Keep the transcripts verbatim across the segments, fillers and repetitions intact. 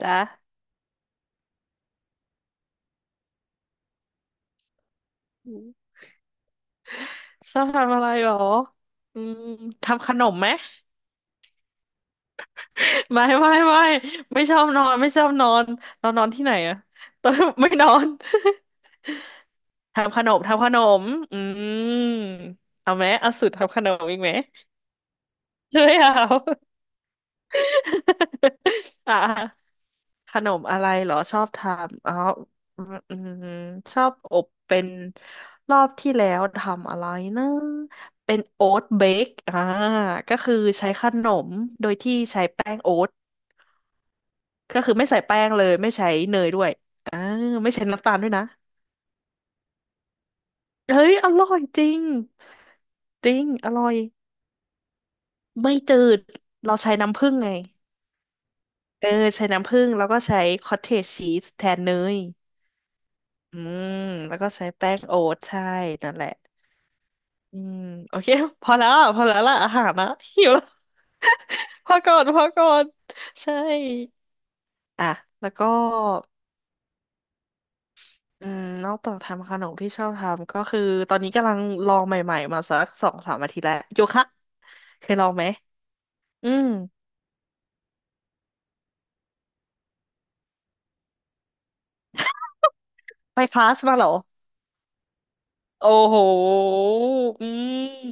จ้ะอืมชอบทำอะไรหรออืมทำขนมไหม ไม่ไม่ไม่ไม่ชอบนอนไม่ชอบนอนตอนนอนที่ไหนอะตอน ไม่นอน ทำขนมทำขนมอืมเอาไหมเอาสูตรทำขนมอีกไหมเฮ้ยเอา อ่ะ ขนมอะไรเหรอชอบทำอ๋ออืมอืมชอบอบเป็นรอบที่แล้วทำอะไรนะเป็นโอ๊ตเบคอ่าก็คือใช้ขนมโดยที่ใช้แป้งโอ๊ตก็คือไม่ใส่แป้งเลยไม่ใช้เนยด้วยอ่าไม่ใช้น้ำตาลด้วยนะเฮ้ยอร่อยจริงจริงอร่อยไม่จืดเราใช้น้ำผึ้งไงเออใช้น้ำผึ้งแล้วก็ใช้คอตเทจชีสแทนเนยอืมแล้วก็ใช้แป้งโอ๊ตใช่นั่นแหละ อืมโอเคพอแล้วพอแล้วล่ะอาหารนะหิวแล้ว พอก่อนพอก่อนใช่อ่ะแล้วก็อืมนอกจากทำขนมที่ชอบทำก็คือตอนนี้กำลังลองใหม่ๆมาสักสองสามอาทิตย์แล้วโยคะเคยลองไหมอืมไปคลาสมาเหรอโอ้โหอื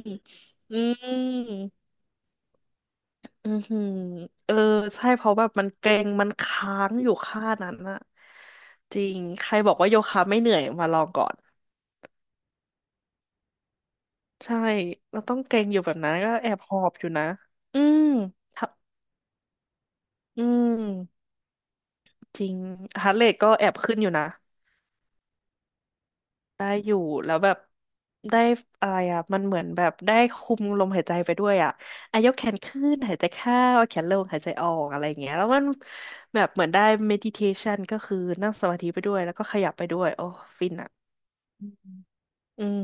มอืม อือหือเออใช่เพราะแบบมันเกร็งมันค้างอยู่ค่านั้นน่ะจริงใครบอกว่าโยคะไม่เหนื่อยมาลองก่อนใช่เราต้องเกร็งอยู่แบบนั้นก็แอบหอบอยู่นะอืมถ้าอืมจริงฮาร์ทเรทก็แอบขึ้นอยู่นะ ได้อยู่แล้วแบบได้อะไรอ่ะมันเหมือนแบบได้คุมลมหายใจไปด้วยอ่ะอายกแขนขึ้นหายใจเข้าเอาแขนลงหายใจออกอะไรอย่างเงี้ยแล้วมันแบบเหมือนได้ meditation ก็คือนั่งสมาธิไปด้วยแล้วก็ขยับไปด้วยโอ้ฟินอ่ะอืมอืม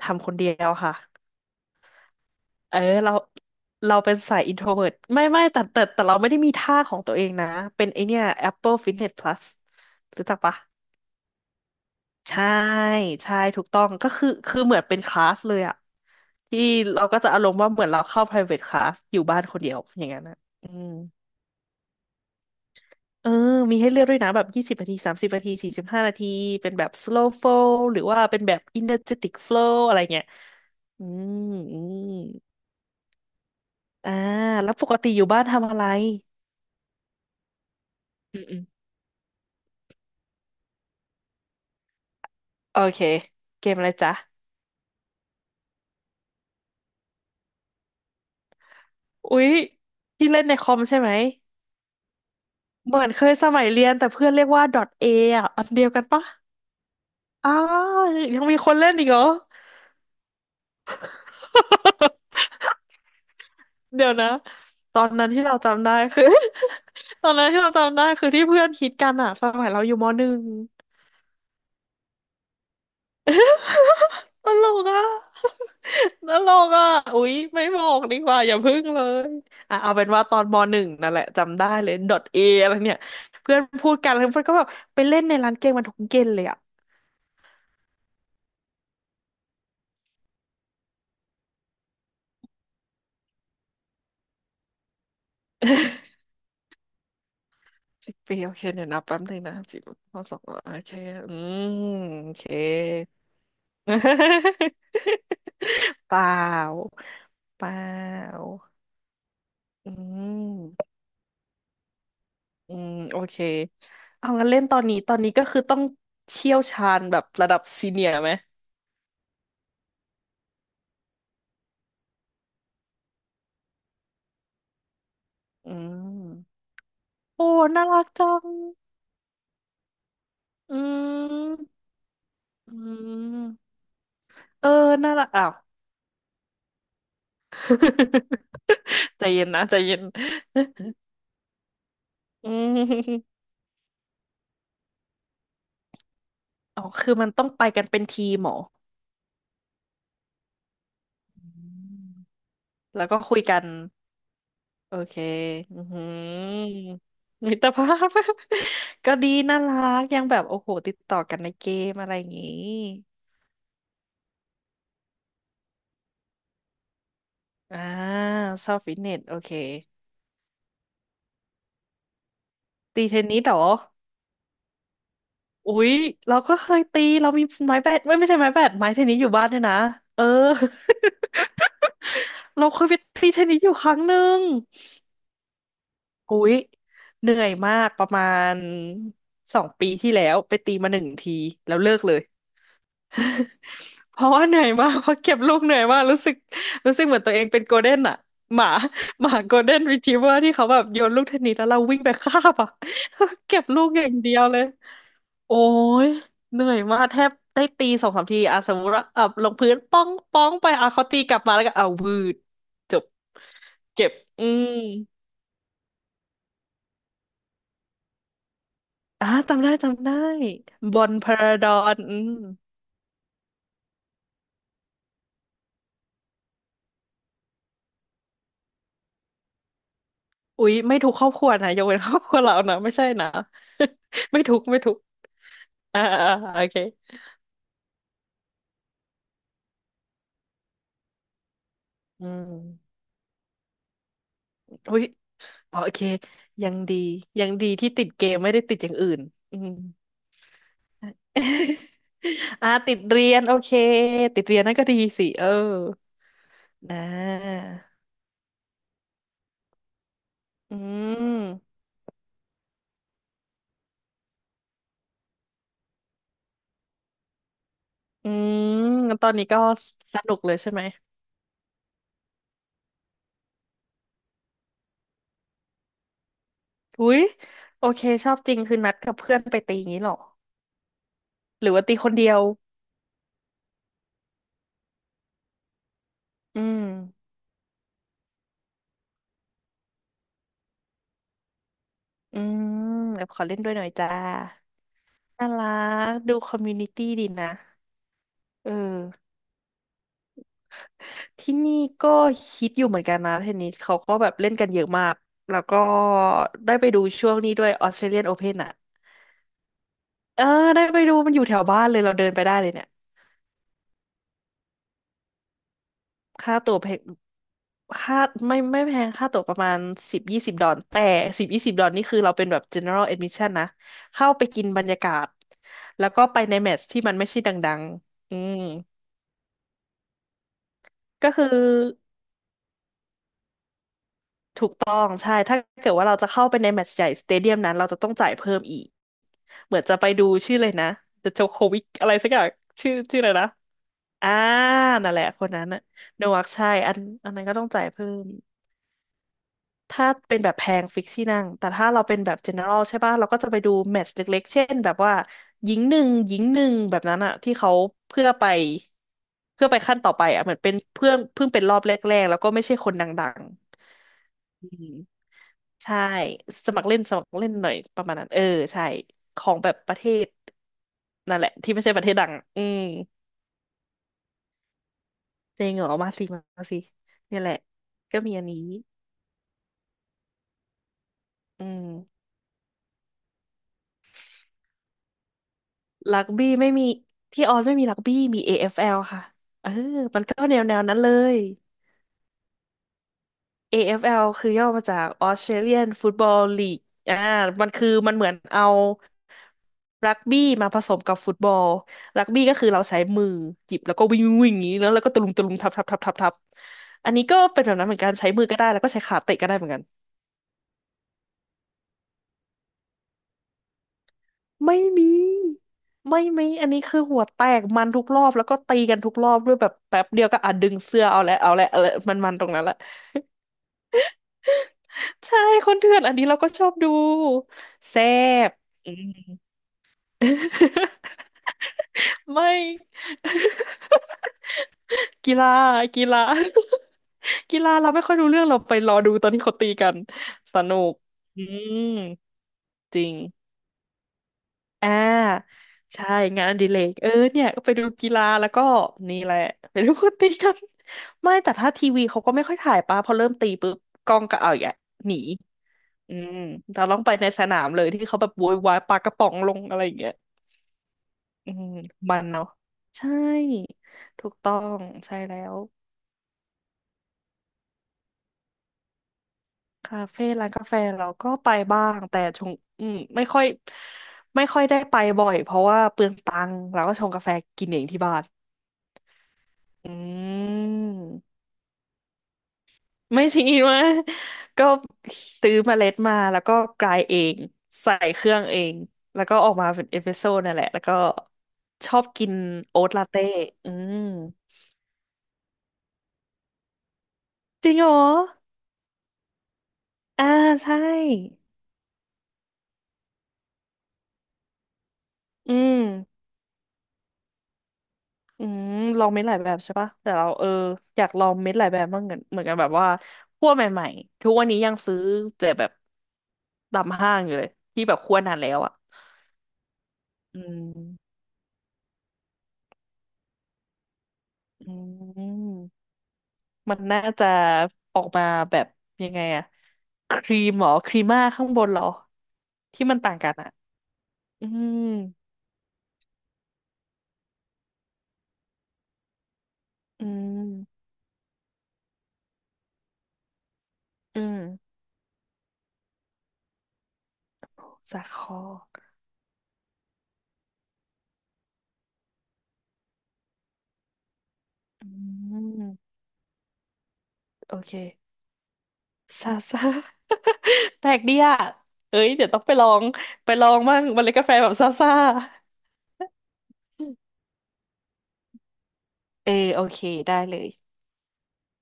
ทำคนเดียวค่ะเออเราเราเป็นสาย introvert ไม่ไม่แต่แต่แต่เราไม่ได้มีท่าของตัวเองนะเป็นไอเนี้ย Apple Fitness Plus รู้จักปะ ใช่ใช่ถูกต้องก็คือคือเหมือนเป็นคลาสเลยอะที่เราก็จะอารมณ์ว่าเหมือนเราเข้า private class อยู่บ้านคนเดียวอย่างนั้นอะอืมเออมีให้เลือกด้วยนะแบบยี่สิบนาทีสามสิบนาทีสี่สิบห้านาทีเป็นแบบ slow flow หรือว่าเป็นแบบ energetic flow อะไรเงี้ยอืมอืมอ่าแล้วปกติอยู่บ้านทำอะไรอืมอืมโอเคเกมอะไรจ๊ะอุ๊ยที่เล่นในคอมใช่ไหมเหมือนเคยสมัยเรียนแต่เพื่อนเรียกว่า .a อ่ะอันเดียวกันปะ อ้าวยังมีคนเล่นอีกเหรอ เดี๋ยวนะตอนนั้นที่เราจำได้คือ ตอนนั้นที่เราจำได้คือที่เพื่อนคิดกันอะสมัยเราอยู่มหนึ่งตลกอะ ตลกอะอุ๊ยไม่บอกดีกว่าอย่าพึ่งเลยอ่ะเอาเป็นว่าตอนมหนึ่งนั่นแหละจำได้เลยดอทเออะไรเนี่ยเพื่อนพูดกันแล้วเพื่อนก็แบบไปเล่นในร้านเกมมันทุกเย็นเลยอะ สิบปีโอเคเดี๋ยวนับแป๊บนึงนะสิบข้อสองโอเคอืมโอเค เปล่าเปล่าอืมอืมโอเคเอางั้นเล่นตอนนี้ตอนนี้ก็คือต้องเชี่ยวชาญแบบระดับซีเนียร์ไหมอืมโอ้น่ารักจังอืมอืมเออน่ารักอ้าว ใจเย็นนะใจเย็น อืม อ๋อคือมันต้องไปกันเป็นทีมเหรออืมแล้วก็คุยกัน โอเคอือหือมิตรภาพ ก็ดีน่ารักยังแบบโอ้โหติดต่อกันในเกมอะไรอย่างงี้อ่าชอบฟิตเนสโอเคตีเทนนิสเหรออุ๊ยเราก็เคยตีเรามีไม้แบดไม่ไม่ใช่ไม้แบดไม้เทนนิสอยู่บ้านด้วยนะเออ เราเคยไปตีเทนนิสอยู่ครั้งหนึ่งอุ๊ยเหนื่อยมากประมาณสองปีที่แล้วไปตีมาหนึ่งทีแล้วเลิกเลย เพราะว่าเหนื่อยมากเพราะเก็บลูกเหนื่อยมากรู้สึกรู้สึกเหมือนตัวเองเป็นโกลเด้นอะหมาหมาโกลเด้นรีทรีเวอร์ที่เขาแบบโยนลูกเทนนิสแล้วเราวิ่งไปคาบอะ เก็บลูกอย่างเดียวเลยโอ้ยเหนื่อยมากแทบได้ตีสองสามทีอะสมมติว่าอ่ะลงพื้นป้องป้องไปอ่ะเขาตีกลับมาแล้วก็เอาวืดจบเก็บอืมอ่ะจำได้จำได้บอลพาราดอนอืมอุ๊ยไม่ถูกครอบครัวนะยกเว้นครอบครัวเรานะไม่ใช่นะ ไม่ถูกไม่ถูกอ่าอ่าอ่าโอเค อืมอุ้ยอ๋อโอเคยังดียังดีที่ติดเกมไม่ได้ติดอย่างอื่นอืม อ่าติดเรียนโอเคติดเรียนนั่นก็ดีสิเออนะอืมอืมตอนนี้ก็สนุกเลยใช่ไหมอุ้ยโอเคชอบจริงคือนัดกับเพื่อนไปตีงี้เหรอหรือว่าตีคนเดียว อืม อืมแบบขอเล่นด้วยหน่อยจ้าน่ารักดูคอมมูนิตี้ดีนะเออ ที่นี่ก็ฮิตอยู่เหมือนกันนะเทนนิสเขาก็แบบเล่นกันเยอะมากแล้วก็ได้ไปดูช่วงนี้ด้วยออสเตรเลียนโอเพนอ่ะเออได้ไปดูมันอยู่แถวบ้านเลยเราเดินไปได้เลยเนี่ยค่าตั๋วแพงค่าไม่ไม่แพงค่าตั๋วประมาณสิบยี่สิบดอลลาร์แต่สิบยี่สิบดอลลาร์นี่คือเราเป็นแบบ general admission นะเข้าไปกินบรรยากาศแล้วก็ไปในแมตช์ที่มันไม่ใช่ดังๆอืมก็คือ ถูกต้องใช่ถ้าเกิดว่าเราจะเข้าไปในแมตช์ใหญ่สเตเดียมนั้นเราจะต้องจ่ายเพิ่มอีกเหมือนจะไปดูชื่อเลยนะเดโจโควิกอะไรสักอย่างชื่อชื่ออะไรนะอ่านั่นแหละคนนั้นน่ะโนวัคใช่อันอันนั้นก็ต้องจ่ายเพิ่มถ้าเป็นแบบแพงฟิกที่นั่งแต่ถ้าเราเป็นแบบ general ใช่ป่ะเราก็จะไปดูแมตช์เล็กๆเช่นแบบว่าหญิงหนึ่งหญิงหนึ่งแบบนั้นอะที่เขาเพื่อไปเพื่อไปขั้นต่อไปอะเหมือนเป็นเพื่อนเพิ่งเป็นรอบแรกๆแล้วก็ไม่ใช่คนดังๆอืม ใช่สมัครเล่นสมัครเล่นหน่อยประมาณนั้นเออใช่ของแบบประเทศนั่นแหละที่ไม่ใช่ประเทศดังอืมเจงเหรอมาสิมาสิเนี่ยแหละก็มีอันนี้อืมรักบี้ไม่มีที่ออสไม่มีรักบี้มี เอ เอฟ แอล ค่ะเออมันก็แนวแนวนั้นเลย เอ เอฟ แอล คือย่อมาจาก Australian Football League อ่ามันคือมันเหมือนเอารักบี้มาผสมกับฟุตบอลรักบี้ก็คือเราใช้มือหยิบแล้วก็วิ่งวิ่งอย่างนี้แล้วแล้วก็ตะลุมตะลุมทับทับทับทับทับอันนี้ก็เป็นแบบนั้นเหมือนกันใช้มือก็ได้แล้วก็ใช้ขาเตะก็ได้เหมือนกันไม่มีไม่มีอันนี้คือหัวแตกมันทุกรอบแล้วก็ตีกันทุกรอบด้วยแบบแป๊บเดียวก็อ่ะดึงเสื้อเอาและเอาและเอาละมันมันตรงนั้นแหละใช่คนเถื่อนอันนี้เราก็ชอบดูแซ่บอืม ไม่ กีฬากีฬา กีฬาเราไม่ค่อยรู้เรื่องเราไปรอดูตอนที่เขาตีกันสนุกอืมจริงอ่าใช่งานอดิเรกเออเนี่ยก็ไปดูกีฬาแล้วก็นี่แหละไปดูคนตีกัน ไม่แต่ถ้าทีวีเขาก็ไม่ค่อยถ่ายปะพอเริ่มตีปุ๊บกล้องก็เอาอย่าหนีอืมเราต้องไปในสนามเลยที่เขาแบบโวยวายปากระป๋องลงอะไรอย่างเงี้ย อืมมันเนาะใช่ถูกต้องใช่แล้วคาเฟ่ร้านกาแฟเราก็ไปบ้างแต่ชงอืมไม่ค่อยไม่ค่อยได้ไปบ่อยเพราะว่าเปลืองตังค์เราก็ชงกาแฟกินเองที่บ้านอืมไม่ทิ้งวะก็ซื้อเมล็ดมาแล้วก็กรายเองใส่เครื่องเองแล้วก็ออกมาเป็นเอสเปรสโซ่นั่นแหละแล้วก็ชอบกินโอ๊ตลาเต้อืมจริงเหรออ่าใช่อืม อืมลองเม็ดหลายแบบใช่ปะแต่เราเอออยากลองเม็ดหลายแบบบ้างเหมือนเหมือนกันแบบว่าคั่วใหม่ๆทุกวันนี้ยังซื้อเจอแบบตามห้างอยู่เลยที่แบบคั่วนานแล้วอ่ะอืมอืมมันน่าจะออกมาแบบยังไงอะครีมเหรอครีม่าข้างบนเหรอที่มันต่างกันอะอืมอืมอืมสาคออืมโอเค ซาซา แปลกดีอ่ะเอ้ยเดี๋ยวต้องไปลองไปลองบ้างเมล็ดกาแฟแบบซาซา เออโอเคได้เลย